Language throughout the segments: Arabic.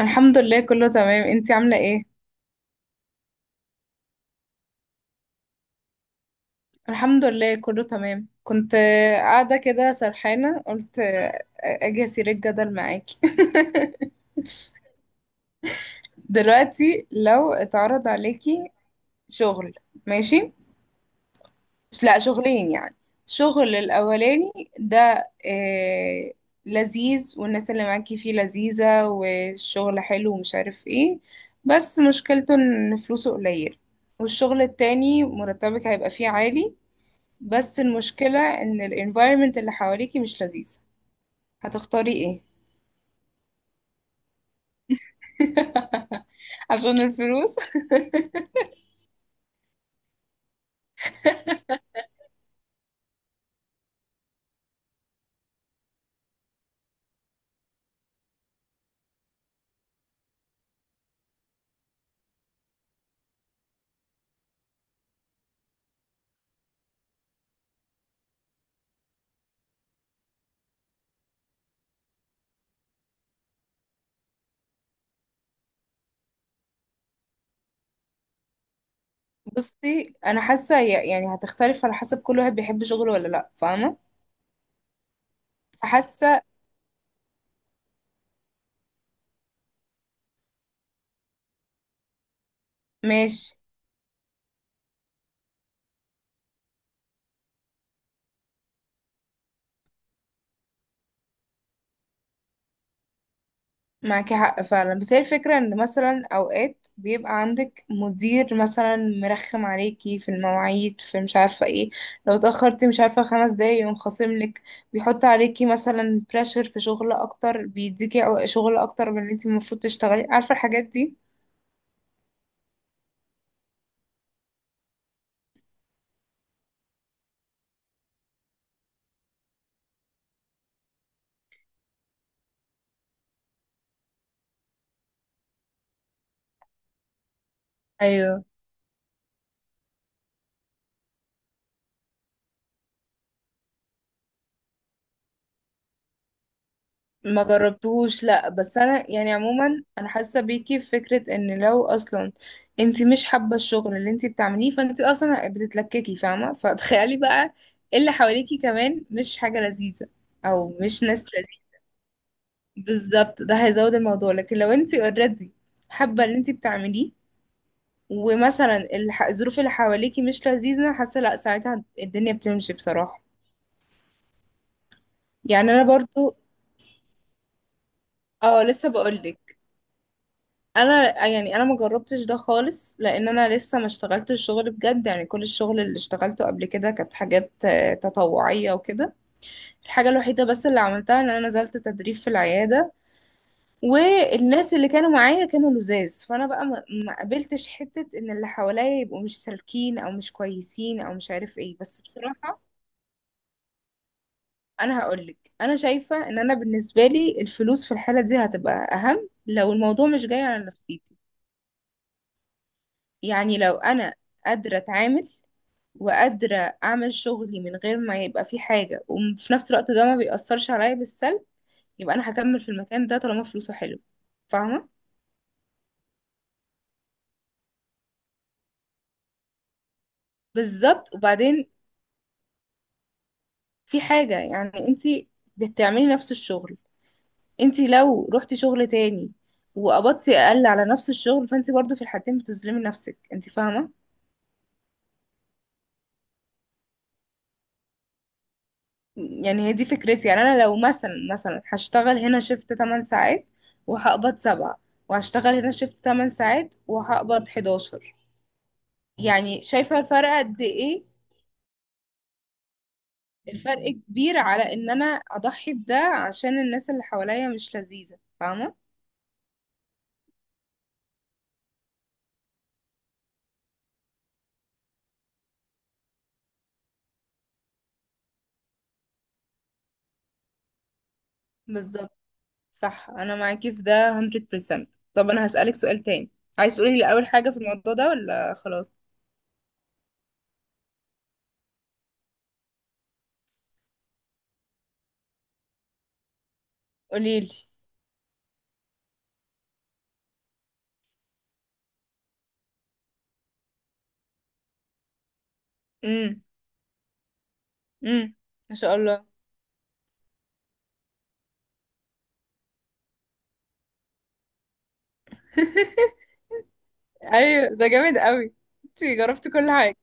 الحمد لله كله تمام. انتي عاملة ايه؟ الحمد لله كله تمام، كنت قاعدة كده سرحانة، قلت اجي اسير الجدل معاكي. دلوقتي لو اتعرض عليكي شغل، ماشي؟ لا، شغلين يعني. شغل الاولاني ده آه لذيذ، والناس اللي معاكي فيه لذيذة، والشغل حلو ومش عارف ايه، بس مشكلته ان فلوسه قليل. والشغل التاني مرتبك هيبقى فيه عالي، بس المشكلة ان ال environment اللي حواليكي مش لذيذة. هتختاري ايه؟ عشان الفلوس. بصي، انا حاسة يعني هتختلف على حسب كل واحد بيحب شغله ولا لا، فاهمة؟ فحاسة ماشي. معاكي حق فعلا، بس هي الفكرة ان مثلا اوقات بيبقى عندك مدير مثلا مرخم عليكي في المواعيد، في مش عارفة ايه. لو اتأخرتي مش عارفة خمس دقايق يقوم خاصملك، بيحط عليكي مثلا بريشر في شغل اكتر، بيديكي شغل اكتر من اللي انت المفروض تشتغلي، عارفة الحاجات دي؟ ما جربتهوش لا، بس انا يعني عموما انا حاسه بيكي في فكره ان لو اصلا انت مش حابه الشغل اللي انت بتعمليه، فانت اصلا بتتلككي فاهمه. فتخيلي بقى اللي حواليكي كمان مش حاجه لذيذه، او مش ناس لذيذه. بالظبط، ده هيزود الموضوع. لكن لو انت اوريدي حابه اللي انت بتعمليه، ومثلا الظروف اللي حواليكي مش لذيذه، حاسه لا، ساعتها الدنيا بتمشي بصراحه. يعني انا برضو. اه لسه بقولك، انا يعني انا ما جربتش ده خالص، لان انا لسه ما اشتغلت الشغل بجد. يعني كل الشغل اللي اشتغلته قبل كده كانت حاجات تطوعية وكده. الحاجة الوحيدة بس اللي عملتها ان انا نزلت تدريب في العيادة، والناس اللي كانوا معايا كانوا لزاز، فانا بقى ما قابلتش حتة ان اللي حواليا يبقوا مش سالكين، او مش كويسين، او مش عارف ايه، بس بصراحة انا هقولك، انا شايفة ان انا بالنسبة لي الفلوس في الحالة دي هتبقى اهم، لو الموضوع مش جاي على نفسيتي. يعني لو انا قادرة اتعامل، وقادرة أعمل شغلي من غير ما يبقى في حاجة، وفي نفس الوقت ده ما بيأثرش عليا بالسلب، يبقى أنا هكمل في المكان ده طالما فلوسه حلو. فاهمة؟ بالظبط. وبعدين في حاجة، يعني انتي بتعملي نفس الشغل. انتي لو رحتي شغل تاني وقبضتي أقل على نفس الشغل، فانتي برضو في الحالتين بتظلمي نفسك انتي، فاهمة؟ يعني هي دي فكرتي. يعني أنا لو مثلا هشتغل هنا شفت 8 ساعات وهقبض 7، وهشتغل هنا شفت 8 ساعات وهقبض 11، يعني شايفة الفرق قد ايه؟ الفرق كبير على ان انا اضحي بده عشان الناس اللي حواليا مش لذيذة، فاهمة؟ بالظبط صح. انا معاكي في ده 100%. طب انا هسألك سؤال تاني، عايز تقولي لي اول حاجة في الموضوع ده ولا خلاص؟ قولي لي. امم، امم، ما شاء الله. ايوه، ده جامد قوي، انت جربتي كل حاجة.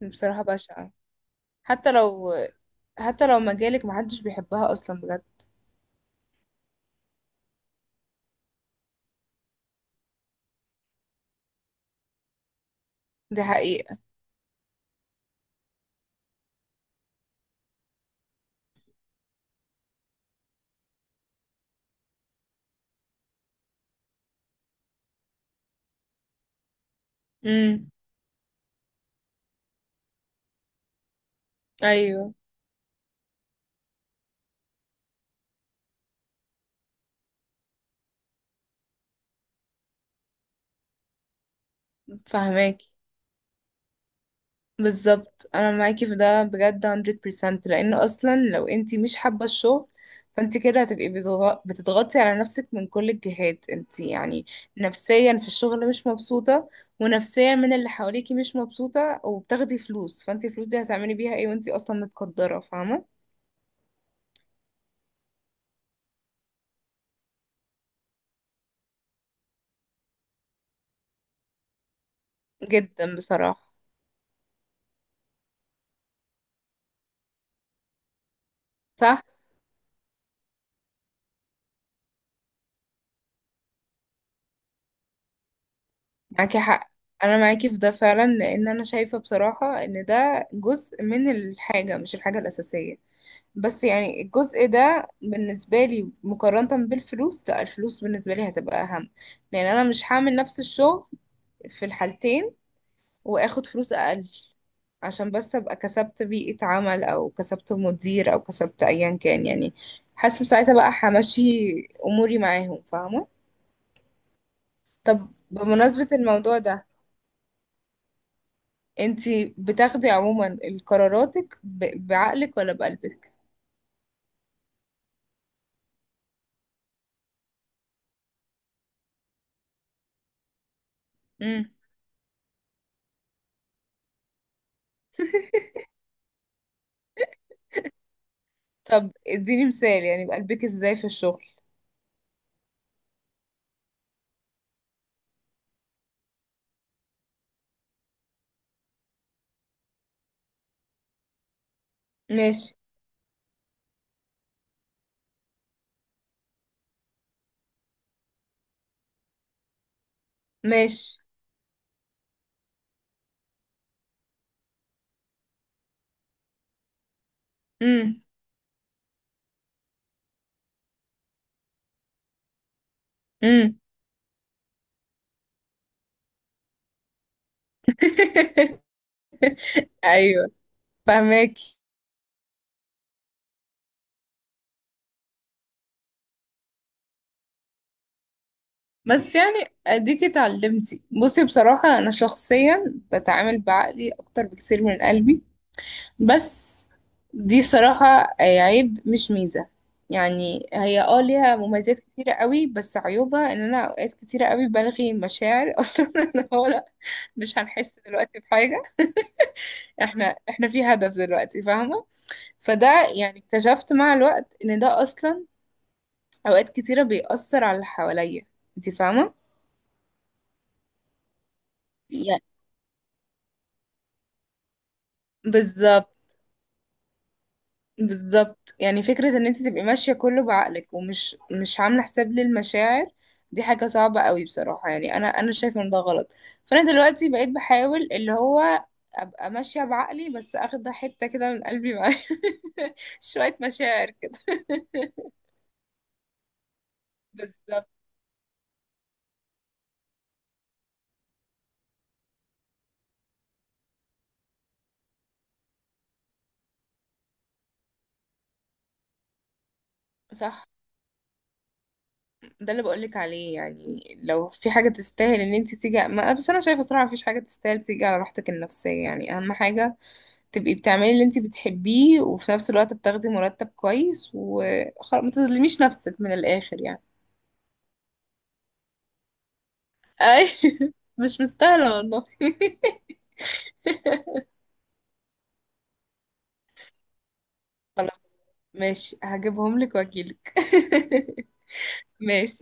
بصراحة بشعة. حتى لو، حتى لو مجالك محدش بيحبها اصلا بجد. دي حقيقة. امم. ايوه. فاهماكي. بالظبط انا معاكي في ده بجد 100%، لان اصلا لو انتي مش حابه الشغل، فانت كده هتبقي بتضغطي على نفسك من كل الجهات انت يعني. نفسيا في الشغل مش مبسوطه، ونفسيا من اللي حواليكي مش مبسوطه، وبتاخدي فلوس، فانت الفلوس دي هتعملي بيها ايه وانت اصلا متقدره، فاهمه؟ جدا بصراحه. صح معاكي حق. انا معاكي في ده فعلا، لان انا شايفة بصراحة ان ده جزء من الحاجة، مش الحاجة الأساسية. بس يعني الجزء ده بالنسبة لي مقارنة بالفلوس، لا، الفلوس بالنسبة لي هتبقى أهم، لأن أنا مش هعمل نفس الشغل في الحالتين وآخد فلوس أقل عشان بس أبقى كسبت بيئة عمل، أو كسبت مدير، أو كسبت أيا كان يعني. حاسة ساعتها بقى همشي أموري معاهم، فاهمة؟ طب بمناسبة الموضوع ده، انتي بتاخدي عموما قراراتك بعقلك ولا بقلبك؟ امم. طب اديني مثال، يعني بقلبك ازاي في الشغل؟ ماشي. ماشي. امم، امم. ايوه، فهماكي. بس يعني اديكي اتعلمتي. بصي بصراحة انا شخصيا بتعامل بعقلي اكتر بكتير من قلبي. بس دي صراحة عيب مش ميزة. يعني هي اه ليها مميزات كتيرة قوي، بس عيوبها ان انا اوقات كتيرة قوي بلغي مشاعر اصلا، ان هو لا، مش هنحس دلوقتي بحاجة. احنا في هدف دلوقتي، فاهمة؟ فده يعني اكتشفت مع الوقت ان ده اصلا اوقات كتيرة بيأثر على اللي حواليا، انت فاهمة؟ يعني. بالظبط. بالظبط، يعني فكرة ان انت تبقي ماشية كله بعقلك ومش مش عاملة حساب للمشاعر، دي حاجة صعبة قوي بصراحة. يعني انا شايفة ان ده غلط. فانا دلوقتي بقيت بحاول اللي هو ابقى ماشية بعقلي، بس اخد حتة كده من قلبي معايا، شوية مشاعر كده. بالظبط صح. ده اللي بقولك عليه، يعني لو في حاجة تستاهل ان انت تيجي ما، بس انا شايفة صراحة مفيش حاجة تستاهل تيجي على راحتك النفسية، يعني اهم حاجة تبقي بتعملي اللي انت بتحبيه، وفي نفس الوقت بتاخدي مرتب كويس، وخلاص ما تظلميش نفسك، من الاخر يعني. اي. مش مستاهلة والله. خلاص، ماشي، هجيبهم لك واجيلك. ماشي.